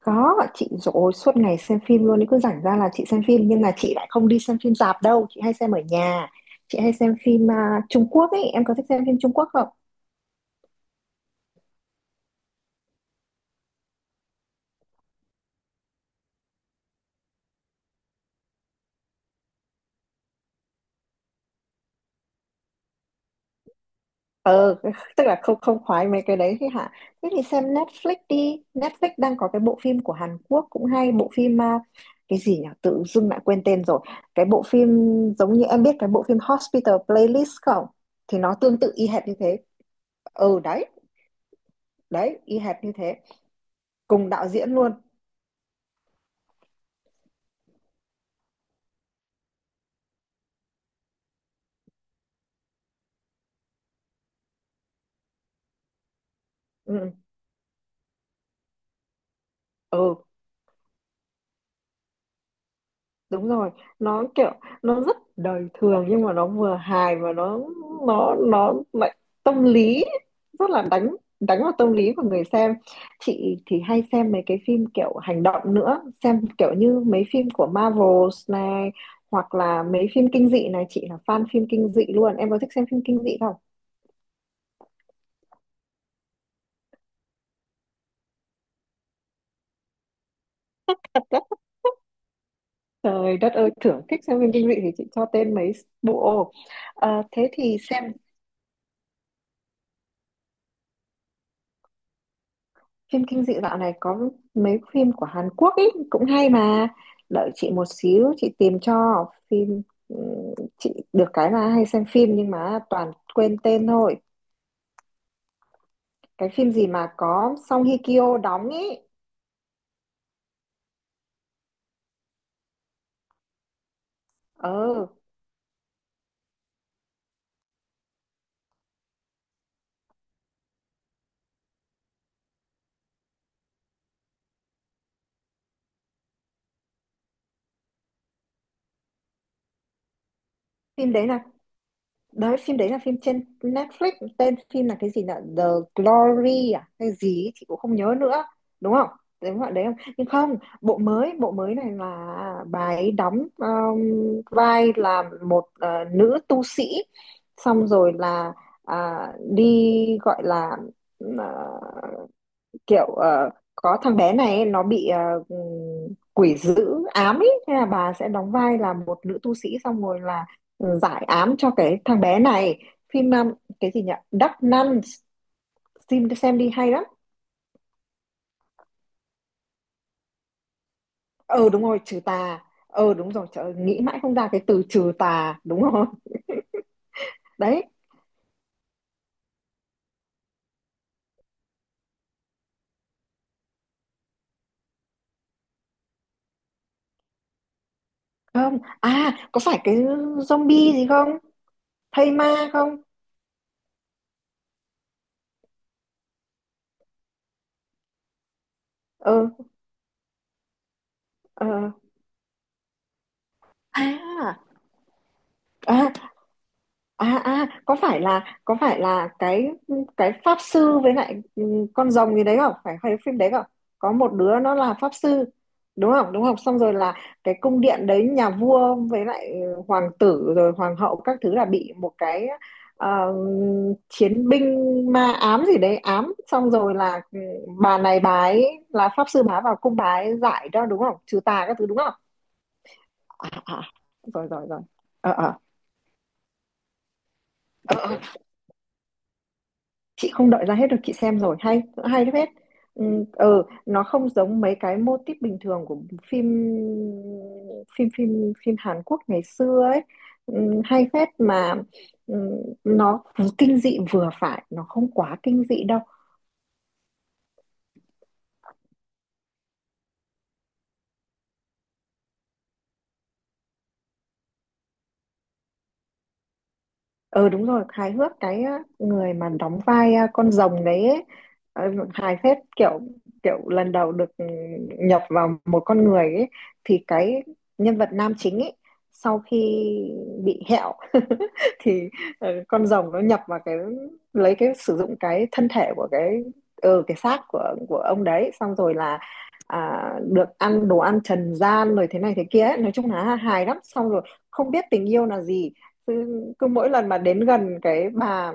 Có, chị rồi suốt ngày xem phim luôn, cứ rảnh ra là chị xem phim nhưng mà chị lại không đi xem phim rạp đâu, chị hay xem ở nhà. Chị hay xem phim à, Trung Quốc ấy, em có thích xem phim Trung Quốc không? Ờ, tức là không không khoái mấy cái đấy thì hả? Thế thì xem Netflix đi, Netflix đang có cái bộ phim của Hàn Quốc cũng hay, bộ phim à, cái gì nhỉ? Tự dưng lại quên tên rồi. Cái bộ phim giống như em biết cái bộ phim Hospital Playlist không? Thì nó tương tự y hệt như thế. Ừ đấy, đấy, y hệt như thế, cùng đạo diễn luôn. Ừ. Ừ ừ. Đúng rồi, nó kiểu nó rất đời thường nhưng mà nó vừa hài và nó lại tâm lý, rất là đánh đánh vào tâm lý của người xem. Chị thì hay xem mấy cái phim kiểu hành động nữa, xem kiểu như mấy phim của Marvels này, hoặc là mấy phim kinh dị này. Chị là fan phim kinh dị luôn, em có thích xem phim kinh dị không? Trời đất ơi, thưởng thích xem phim kinh dị thì chị cho tên mấy bộ. Thế thì xem phim kinh dị dạo này có mấy phim của Hàn Quốc ý, cũng hay mà. Đợi chị một xíu chị tìm cho phim. ừ, chị được cái là hay xem phim nhưng mà toàn quên tên thôi. Cái phim gì mà có Song Hye Kyo đóng ý? ờ Phim đấy là. Đấy, phim đấy là phim trên Netflix, tên phim là cái gì nhở? The Glory à hay gì ấy, chị cũng không nhớ nữa, đúng không? Đúng gọi đấy không? Nhưng không, bộ mới này là bà ấy đóng vai là một nữ tu sĩ, xong rồi là à, đi gọi là, ờ, kiểu có thằng bé này nó bị ừ, quỷ dữ ám ấy, thế là bà sẽ đóng vai là một nữ tu sĩ xong rồi là giải ám cho cái thằng bé này. Phim cái gì nhỉ? Dark Nun. Xem đi hay lắm. Ờ Đúng rồi trừ tà. Đúng rồi trời ơi, nghĩ mãi không ra cái từ trừ tà, đúng rồi. Đấy không. À có phải cái zombie gì không, thây ma không? ờ ờ À, à à. À có phải là cái pháp sư với lại con rồng gì đấy không? Phải phải phim đấy không? Có một đứa nó là pháp sư đúng không? Đúng không, xong rồi là cái cung điện đấy nhà vua với lại hoàng tử rồi hoàng hậu các thứ là bị một cái ờ, chiến binh ma ám gì đấy ám, xong rồi là bà này bà ấy là pháp sư bà vào cung bà ấy giải cho, đúng không, trừ tà các thứ đúng không? À, à. Rồi rồi rồi. ờ ờ chị không đợi ra hết được, chị xem rồi hay hay lắm. Hết. ừ, nó không giống mấy cái mô típ bình thường của phim phim phim phim Hàn Quốc ngày xưa ấy. Hay phết mà. ừ, nó kinh dị vừa phải, nó không quá kinh dị đâu. Ờ Đúng rồi, hài hước cái á, người mà đóng vai à, con rồng đấy ấy, ờ, hài phết, kiểu kiểu lần đầu được nhập vào một con người ấy, thì cái nhân vật nam chính ấy sau khi bị hẹo thì con rồng nó nhập vào cái, lấy cái sử dụng cái thân thể của cái cái xác của ông đấy, xong rồi là à, được ăn đồ ăn trần gian rồi thế này thế kia ấy. Nói chung là hài lắm, xong rồi không biết tình yêu là gì, cứ mỗi lần mà đến gần cái bà,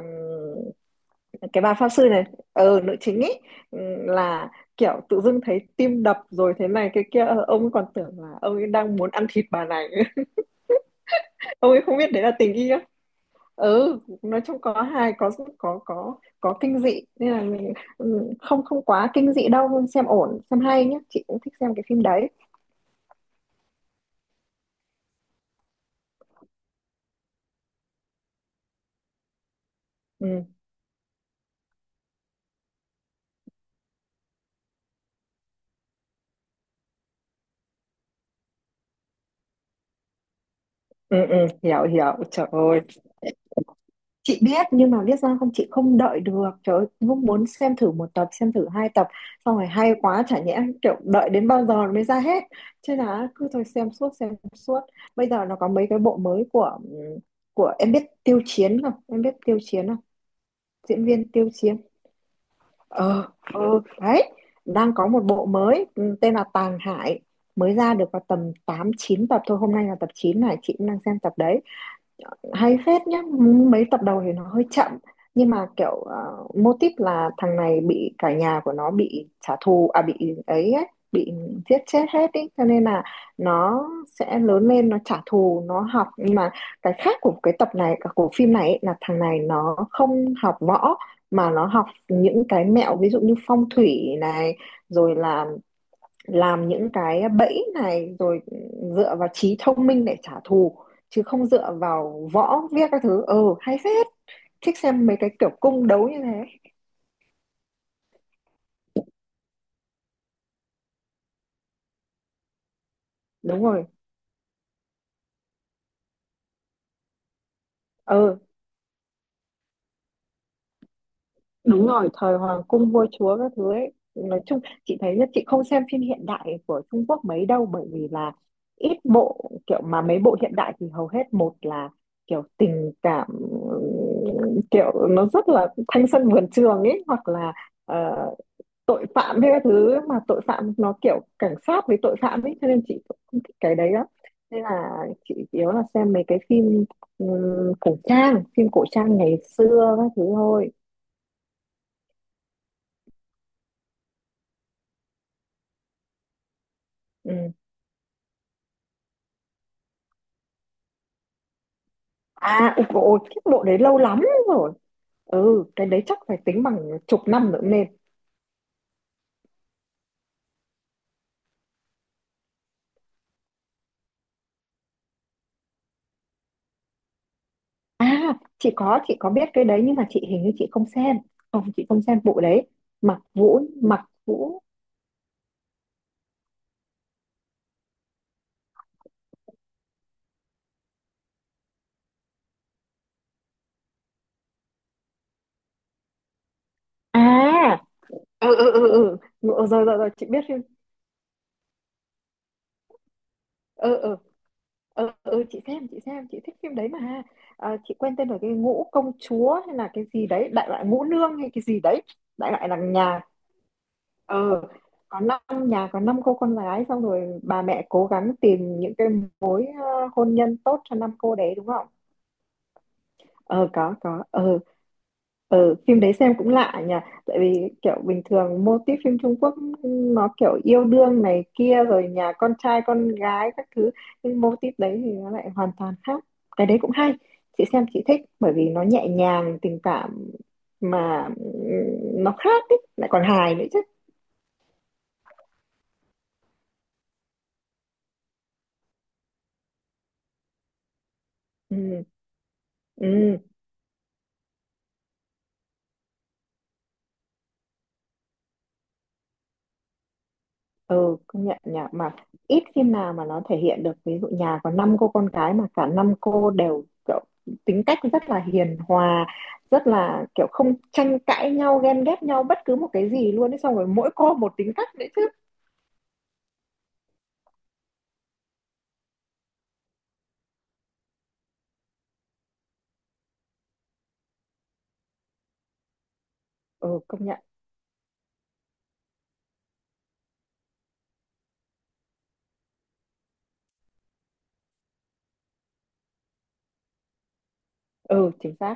cái bà pháp sư này, nữ chính ấy, là kiểu tự dưng thấy tim đập rồi thế này cái kia. Ờ, ông ấy còn tưởng là ông ấy đang muốn ăn thịt bà này. Ông ấy không biết đấy là tình yêu. Ừ nói chung có hài, có có kinh dị nên là mình không không quá kinh dị đâu, xem ổn, xem hay nhé, chị cũng thích xem cái phim đấy. Ừ ừ ừ. Hiểu hiểu trời ơi. Chị biết nhưng mà biết sao không, chị không đợi được trời ơi, cũng muốn xem thử một tập xem thử hai tập, xong rồi hay quá chả nhẽ kiểu đợi đến bao giờ nó mới ra hết. Chứ là cứ thôi xem suốt xem suốt. Bây giờ nó có mấy cái bộ mới của em biết Tiêu Chiến không? Em biết Tiêu Chiến không? Diễn viên Tiêu Chiến. ờ ờ Đấy, đang có một bộ mới tên là Tàng Hải, mới ra được vào tầm 8 9 tập thôi, hôm nay là tập 9 này, chị cũng đang xem tập đấy, hay phết nhá. Mấy tập đầu thì nó hơi chậm, nhưng mà kiểu mô típ là thằng này bị cả nhà của nó bị trả thù, à bị ấy, ấy bị giết chết hết ý, cho nên là nó sẽ lớn lên nó trả thù nó học. Nhưng mà cái khác của cái tập này của phim này ấy, là thằng này nó không học võ mà nó học những cái mẹo, ví dụ như phong thủy này rồi là làm những cái bẫy này rồi dựa vào trí thông minh để trả thù, chứ không dựa vào võ viết các thứ. Ừ hay phết, thích xem mấy cái kiểu cung đấu như thế. Đúng rồi. Ừ đúng rồi thời hoàng cung vua chúa các thứ ấy nói chung, chị thấy nhất chị không xem phim hiện đại của Trung Quốc mấy đâu, bởi vì là ít bộ kiểu mà mấy bộ hiện đại thì hầu hết một là kiểu tình cảm kiểu nó rất là thanh xuân vườn trường ấy, hoặc là ờ, tội phạm hay các thứ, mà tội phạm nó kiểu cảnh sát với tội phạm ấy, cho nên chị cũng không thích cái đấy lắm, nên là chị chủ yếu là xem mấy cái phim cổ trang, phim cổ trang ngày xưa các thứ thôi. Ừ. À ôi, dồi ôi, cái bộ đấy lâu lắm rồi. Ừ cái đấy chắc phải tính bằng chục năm nữa nên à. Chị có biết cái đấy nhưng mà chị hình như chị không xem. Không, chị không xem bộ đấy. Mặc Vũ Mặc Vũ à. Ừ ừ ừ ừ. Ừ, rồi rồi rồi chị biết phim. Ừ ừ. Ừ, ừ chị xem chị thích phim đấy mà. À, chị quên tên rồi, cái ngũ công chúa hay là cái gì đấy, đại loại ngũ nương hay cái gì đấy, đại loại là nhà ờ có năm, nhà có 5 cô con gái, xong rồi bà mẹ cố gắng tìm những cái mối hôn nhân tốt cho năm cô đấy đúng không? Ờ có có. Ờ Phim đấy xem cũng lạ nhỉ, tại vì kiểu bình thường mô típ phim Trung Quốc nó kiểu yêu đương này kia rồi nhà con trai con gái các thứ, nhưng mô típ đấy thì nó lại hoàn toàn khác, cái đấy cũng hay. Chị xem chị thích bởi vì nó nhẹ nhàng tình cảm mà nó khác ấy, lại còn hài nữa chứ. Ừ. Ừ. Ừ công nhận nhỉ, mà ít phim nào mà nó thể hiện được, ví dụ nhà có 5 cô con gái mà cả năm cô đều kiểu tính cách rất là hiền hòa, rất là kiểu không tranh cãi nhau, ghen ghét nhau bất cứ một cái gì luôn ấy, xong rồi mỗi cô một tính cách đấy chứ. Ừ công nhận. Ừ chính xác.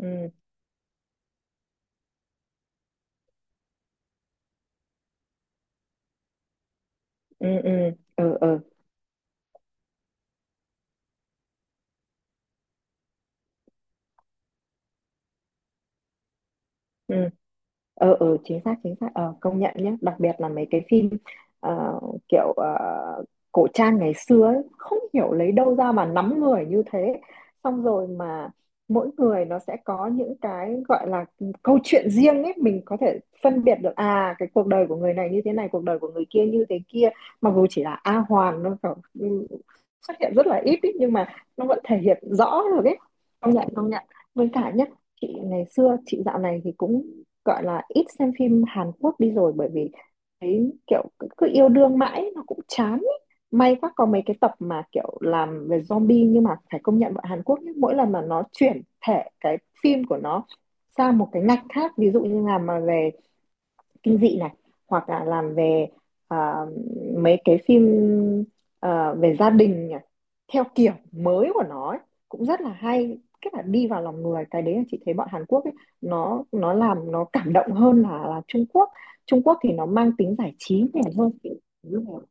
Ừ ừ ừ ừ ừ. Ừ. Chính xác, chính xác, ờ công nhận nhé, đặc biệt là mấy cái phim ờ, kiểu cổ trang ngày xưa ấy, không hiểu lấy đâu ra mà nắm người như thế, xong rồi mà mỗi người nó sẽ có những cái gọi là câu chuyện riêng ấy, mình có thể phân biệt được à cái cuộc đời của người này như thế này, cuộc đời của người kia như thế kia, mặc dù chỉ là A Hoàn nó kiểu, ừ, xuất hiện rất là ít ý, nhưng mà nó vẫn thể hiện rõ được ấy. Công nhận công nhận. Với cả nhé, chị ngày xưa chị dạo này thì cũng gọi là ít xem phim Hàn Quốc đi rồi, bởi vì thấy kiểu cứ yêu đương mãi nó cũng chán ý. May quá có mấy cái tập mà kiểu làm về zombie, nhưng mà phải công nhận bọn Hàn Quốc nhá, mỗi lần mà nó chuyển thể cái phim của nó sang một cái ngạch khác, ví dụ như là mà về kinh dị này, hoặc là làm về à, mấy cái phim, về gia đình nhỉ? Theo kiểu mới của nó ấy, cũng rất là hay, cái là đi vào lòng người. Cái đấy là chị thấy bọn Hàn Quốc ấy, nó làm nó cảm động hơn là Trung Quốc. Trung Quốc thì nó mang tính giải trí nhiều hơn. Đúng rồi.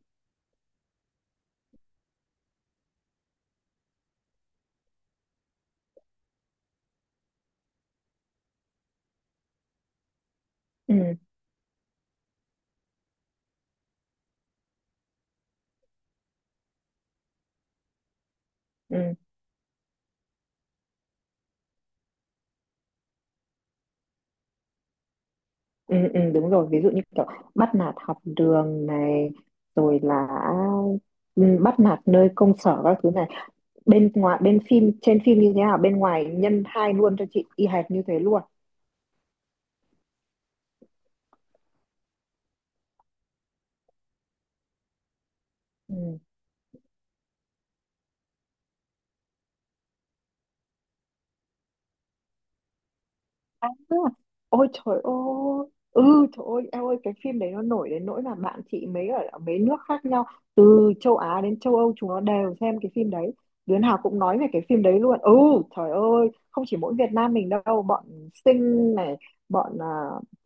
Ừ, ừ, ừ, ừ, đúng rồi, ví dụ như kiểu bắt nạt học đường này, rồi là, ừ, bắt nạt nơi công sở các thứ này, bên ngoài bên phim trên phim như thế nào bên ngoài nhân hai luôn cho chị y hệt như thế luôn. Ừ. À, ôi trời ơi, ừ, trời ơi em ơi, cái phim đấy nó nổi đến nỗi là bạn chị mấy ở mấy nước khác nhau, từ châu Á đến châu Âu, chúng nó đều xem cái phim đấy, đứa nào cũng nói về cái phim đấy luôn. Ừ, trời ơi, không chỉ mỗi Việt Nam mình đâu, bọn Sing này, bọn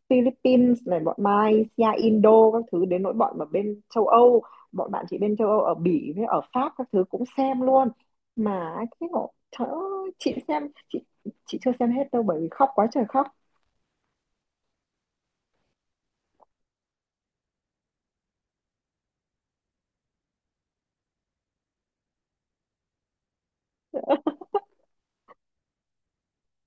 Philippines này, bọn Malaysia, Indo các thứ, đến nỗi bọn ở bên châu Âu, bọn bạn chị bên châu Âu ở Bỉ với ở Pháp các thứ cũng xem luôn. Mà cái ngộ, trời ơi chị xem, chị chị chưa xem hết đâu bởi vì khóc quá trời khóc.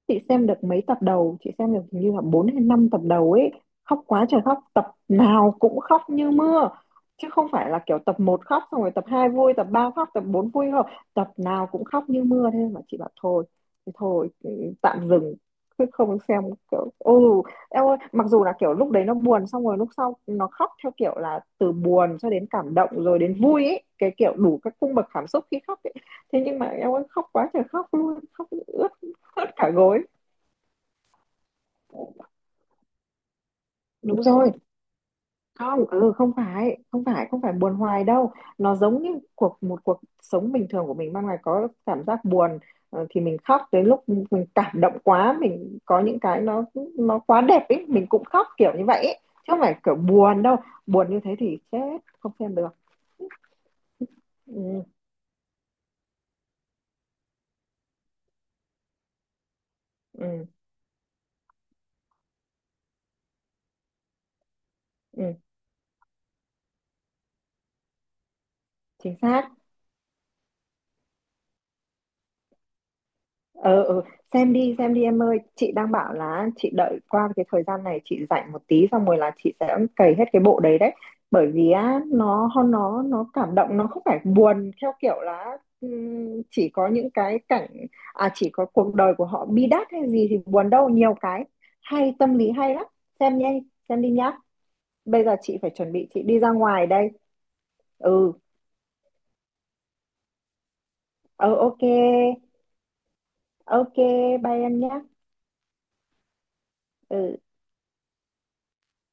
Chị xem được mấy tập đầu, chị xem được hình như là 4 hay 5 tập đầu ấy, khóc quá trời khóc, tập nào cũng khóc như mưa. Chứ không phải là kiểu tập một khóc xong rồi tập 2 vui, tập 3 khóc, tập 4 vui, không, tập nào cũng khóc như mưa. Thế mà chị bảo thôi thì thôi, ừ, tạm dừng chứ không xem. Kiểu, ô em ơi, mặc dù là kiểu lúc đấy nó buồn xong rồi lúc sau nó khóc theo kiểu là từ buồn cho đến cảm động rồi đến vui ấy, cái kiểu đủ các cung bậc cảm xúc khi khóc ấy. Thế nhưng mà em ơi, khóc quá trời khóc luôn, khóc ướt hết cả gối. Đúng rồi. Không, ừ, không phải không phải không phải buồn hoài đâu, nó giống như cuộc một cuộc sống bình thường của mình, ban ngày có cảm giác buồn, ờ, thì mình khóc. Đến lúc mình cảm động quá, mình có những cái nó quá đẹp ấy, mình cũng khóc kiểu như vậy ấy. Chứ không phải kiểu buồn đâu, buồn như thế thì chết không xem được. Ừ, ừ, ừ, chính xác. Ờ, ừ. Xem đi xem đi em ơi, chị đang bảo là chị đợi qua cái thời gian này chị rảnh một tí xong rồi là chị sẽ cày hết cái bộ đấy đấy. Bởi vì á nó cảm động, nó không phải buồn theo kiểu là chỉ có những cái cảnh, à chỉ có cuộc đời của họ bi đát hay gì thì buồn đâu, nhiều cái hay, tâm lý hay lắm. Xem nhé, xem đi nhá. Bây giờ chị phải chuẩn bị chị đi ra ngoài đây. Ừ. Ừ, ok. Ok, bye em nhá. Ừ.